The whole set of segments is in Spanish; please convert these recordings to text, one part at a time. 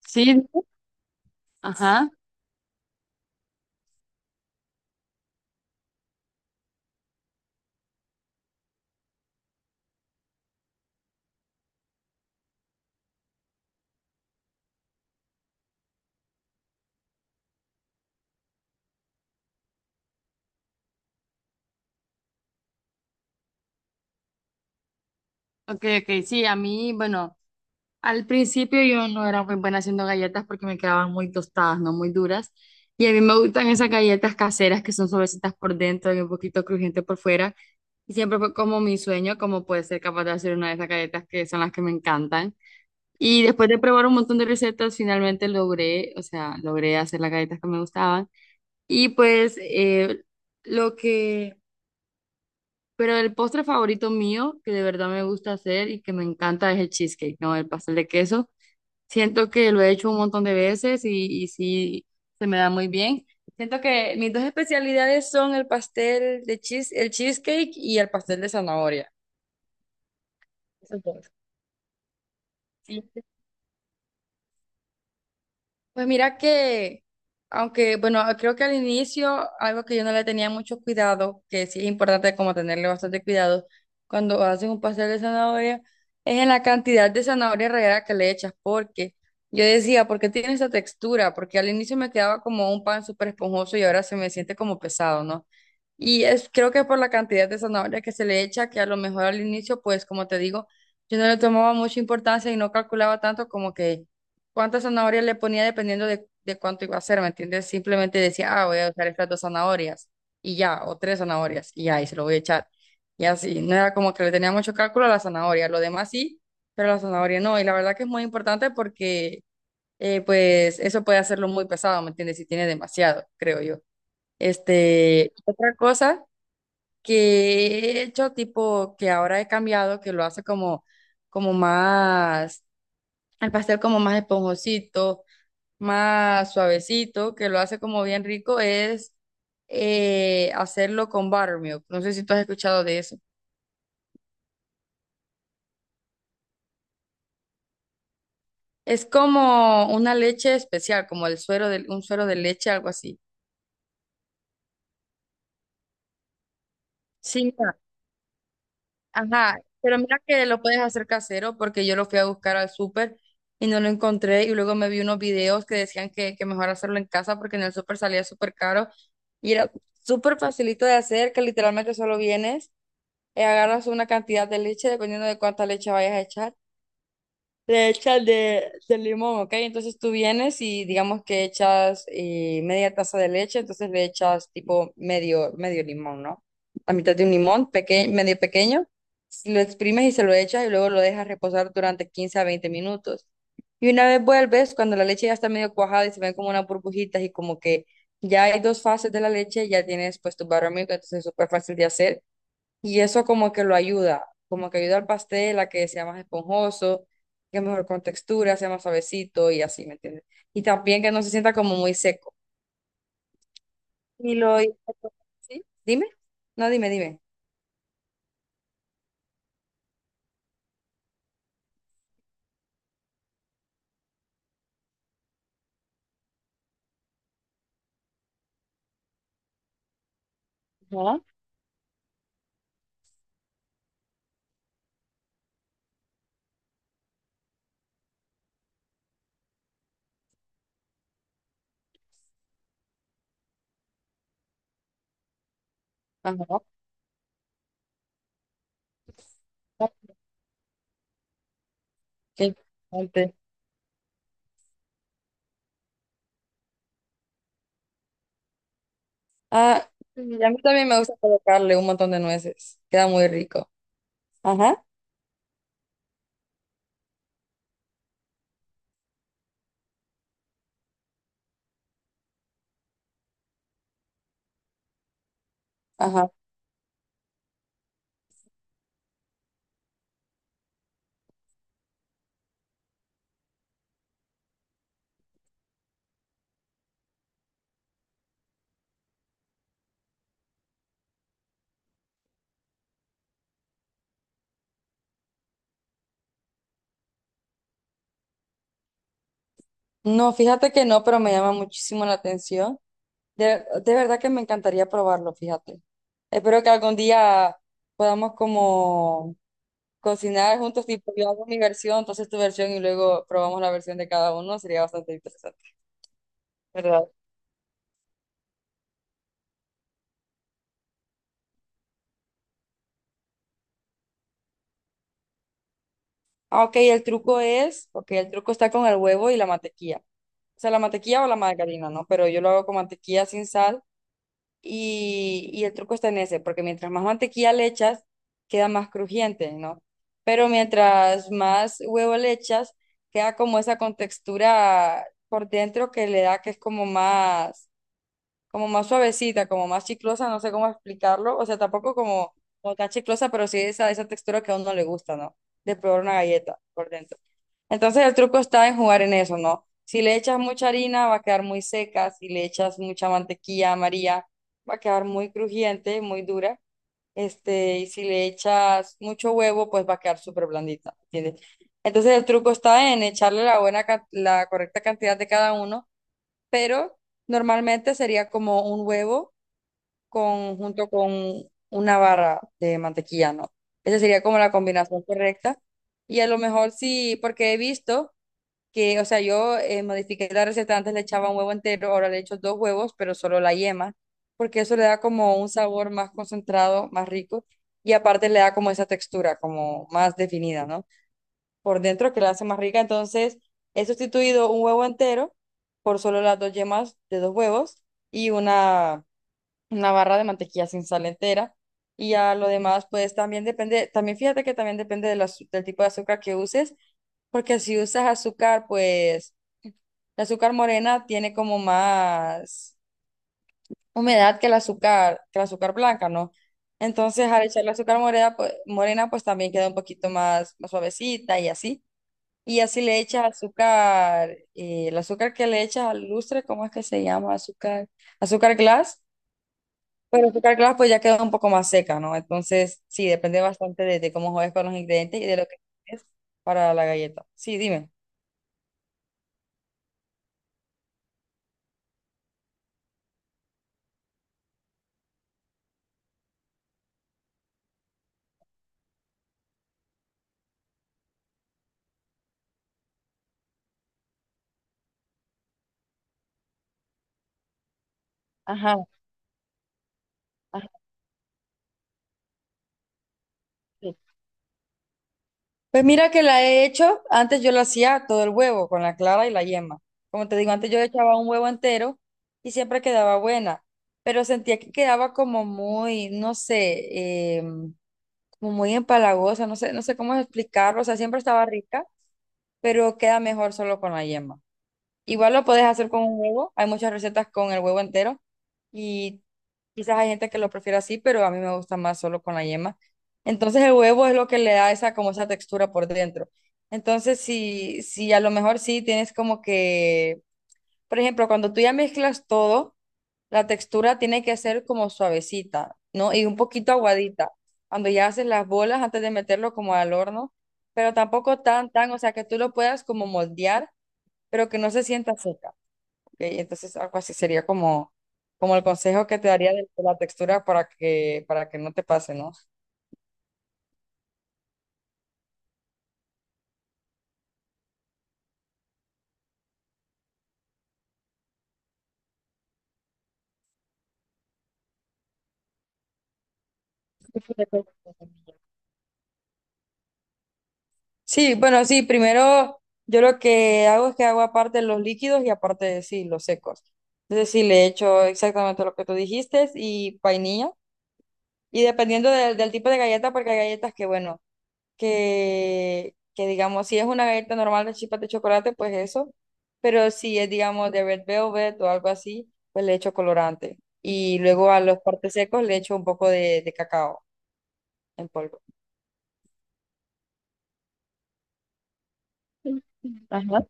Sí, ajá. Ok, ok, sí, a mí, bueno, al principio yo no era muy buena haciendo galletas porque me quedaban muy tostadas, no muy duras. Y a mí me gustan esas galletas caseras que son suavecitas por dentro y un poquito crujiente por fuera. Y siempre fue como mi sueño, como poder ser capaz de hacer una de esas galletas que son las que me encantan. Y después de probar un montón de recetas, finalmente logré, o sea, logré hacer las galletas que me gustaban. Y pues lo que... Pero el postre favorito mío, que de verdad me gusta hacer y que me encanta, es el cheesecake, ¿no? El pastel de queso. Siento que lo he hecho un montón de veces y sí, se me da muy bien. Siento que mis dos especialidades son el pastel de cheese, el cheesecake y el pastel de zanahoria. Esos dos. Sí. Pues mira que, aunque, bueno, creo que al inicio algo que yo no le tenía mucho cuidado, que sí es importante como tenerle bastante cuidado cuando haces un pastel de zanahoria, es en la cantidad de zanahoria rallada que le echas, porque yo decía, ¿por qué tiene esa textura? Porque al inicio me quedaba como un pan súper esponjoso y ahora se me siente como pesado, ¿no? Y es, creo que por la cantidad de zanahoria que se le echa, que a lo mejor al inicio, pues como te digo, yo no le tomaba mucha importancia y no calculaba tanto como que cuántas zanahorias le ponía dependiendo de cuánto iba a hacer, ¿me entiendes? Simplemente decía, ah, voy a usar estas dos zanahorias y ya, o tres zanahorias y ya, y se lo voy a echar. Y así, no era como que le tenía mucho cálculo a la zanahoria, lo demás sí, pero la zanahoria no. Y la verdad que es muy importante porque, pues, eso puede hacerlo muy pesado, ¿me entiendes? Si tiene demasiado, creo yo. Este, otra cosa que he hecho, tipo, que ahora he cambiado, que lo hace como, como más, el pastel como más esponjosito más suavecito, que lo hace como bien rico, es hacerlo con buttermilk. ¿No sé si tú has escuchado de eso? Es como una leche especial, como el suero de, un suero de leche, algo así. Sí, mira, ajá. Pero mira que lo puedes hacer casero porque yo lo fui a buscar al súper y no lo encontré y luego me vi unos videos que decían que mejor hacerlo en casa porque en el súper salía súper caro y era súper facilito de hacer, que literalmente solo vienes. Agarras una cantidad de leche, dependiendo de cuánta leche vayas a echar. Le echas de limón, ¿ok? Entonces tú vienes y digamos que echas media taza de leche, entonces le echas tipo medio, medio limón, ¿no? La mitad de un limón, peque- medio pequeño, lo exprimes y se lo echas y luego lo dejas reposar durante 15 a 20 minutos. Y una vez vuelves, cuando la leche ya está medio cuajada y se ven como unas burbujitas y como que ya hay dos fases de la leche, ya tienes pues tu buttermilk, entonces es súper fácil de hacer. Y eso como que lo ayuda, como que ayuda al pastel a que sea más esponjoso, que es mejor con textura, sea más suavecito y así, ¿me entiendes? Y también que no se sienta como muy seco. Y lo... ¿Sí? Dime. No, dime, dime. Ajá, ajá. Qué interesante. Ah, y a mí también me gusta colocarle un montón de nueces. Queda muy rico. Ajá, ajá. No, fíjate que no, pero me llama muchísimo la atención. De verdad que me encantaría probarlo, fíjate. Espero que algún día podamos como cocinar juntos, tipo yo hago mi versión, entonces tu versión y luego probamos la versión de cada uno, sería bastante interesante, ¿verdad? Ah, ok, el truco es, ok, el truco está con el huevo y la mantequilla. O sea, la mantequilla o la margarina, ¿no? Pero yo lo hago con mantequilla sin sal. Y el truco está en ese, porque mientras más mantequilla le echas, queda más crujiente, ¿no? Pero mientras más huevo le echas, queda como esa contextura por dentro que le da que es como más suavecita, como más chiclosa, no sé cómo explicarlo. O sea, tampoco como, como tan chiclosa, pero sí esa textura que a uno le gusta, ¿no? De probar una galleta por dentro. Entonces el truco está en jugar en eso, ¿no? Si le echas mucha harina va a quedar muy seca, si le echas mucha mantequilla amarilla va a quedar muy crujiente, muy dura, este, y si le echas mucho huevo pues va a quedar súper blandita, ¿entiendes? Entonces el truco está en echarle la buena, can- la correcta cantidad de cada uno, pero normalmente sería como un huevo con, junto con una barra de mantequilla, ¿no? Esa sería como la combinación correcta. Y a lo mejor sí, porque he visto que, o sea, yo modifiqué la receta, antes le echaba un huevo entero, ahora le echo dos huevos, pero solo la yema, porque eso le da como un sabor más concentrado, más rico, y aparte le da como esa textura, como más definida, ¿no? Por dentro que la hace más rica, entonces he sustituido un huevo entero por solo las dos yemas de dos huevos y una barra de mantequilla sin sal entera. Y a lo demás, pues también depende, también fíjate que también depende del azu- del tipo de azúcar que uses, porque si usas azúcar, pues el azúcar morena tiene como más humedad que el azúcar blanca, ¿no? Entonces, al echar el azúcar morena, pues también queda un poquito más, más suavecita y así. Y así le echas azúcar, el azúcar que le echas al lustre, ¿cómo es que se llama? Azúcar, azúcar glass. Pero el azúcar glass pues ya queda un poco más seca, ¿no? Entonces, sí, depende bastante de cómo juegues con los ingredientes y de lo que es para la galleta. Sí, dime. Ajá. ajá. Pues mira que la he hecho, antes yo lo hacía todo el huevo, con la clara y la yema. Como te digo, antes yo echaba un huevo entero y siempre quedaba buena, pero sentía que quedaba como muy, no sé, como muy empalagosa, no sé, no sé cómo explicarlo, o sea, siempre estaba rica, pero queda mejor solo con la yema. Igual lo puedes hacer con un huevo. Hay muchas recetas con el huevo entero y quizás hay gente que lo prefiere así, pero a mí me gusta más solo con la yema. Entonces el huevo es lo que le da esa como esa textura por dentro. Entonces si a lo mejor sí tienes como que, por ejemplo, cuando tú ya mezclas todo, la textura tiene que ser como suavecita, ¿no? Y un poquito aguadita. Cuando ya haces las bolas antes de meterlo como al horno, pero tampoco tan, tan, o sea, que tú lo puedas como moldear, pero que no se sienta seca. Ok, entonces, algo así sería como, como el consejo que te daría de la textura para que no te pase, ¿no? Sí, bueno, sí, primero yo lo que hago es que hago aparte los líquidos y aparte, sí, los secos. Entonces, sí, le echo exactamente lo que tú dijiste y vainilla. Y dependiendo del, del tipo de galleta, porque hay galletas que, bueno, que digamos, si es una galleta normal de chispas de chocolate, pues eso, pero si es, digamos, de red velvet o algo así, pues le echo colorante. Y luego a los partes secos le echo un poco de cacao en polvo. Ajá.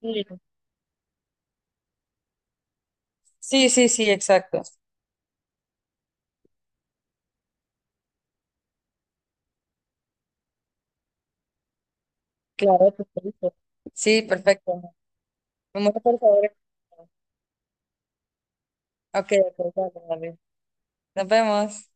Sí, sí, sí, sí, exacto. Claro, por sí, perfecto. Me muero por saber. Ok, ok, dale, dale. Nos vemos.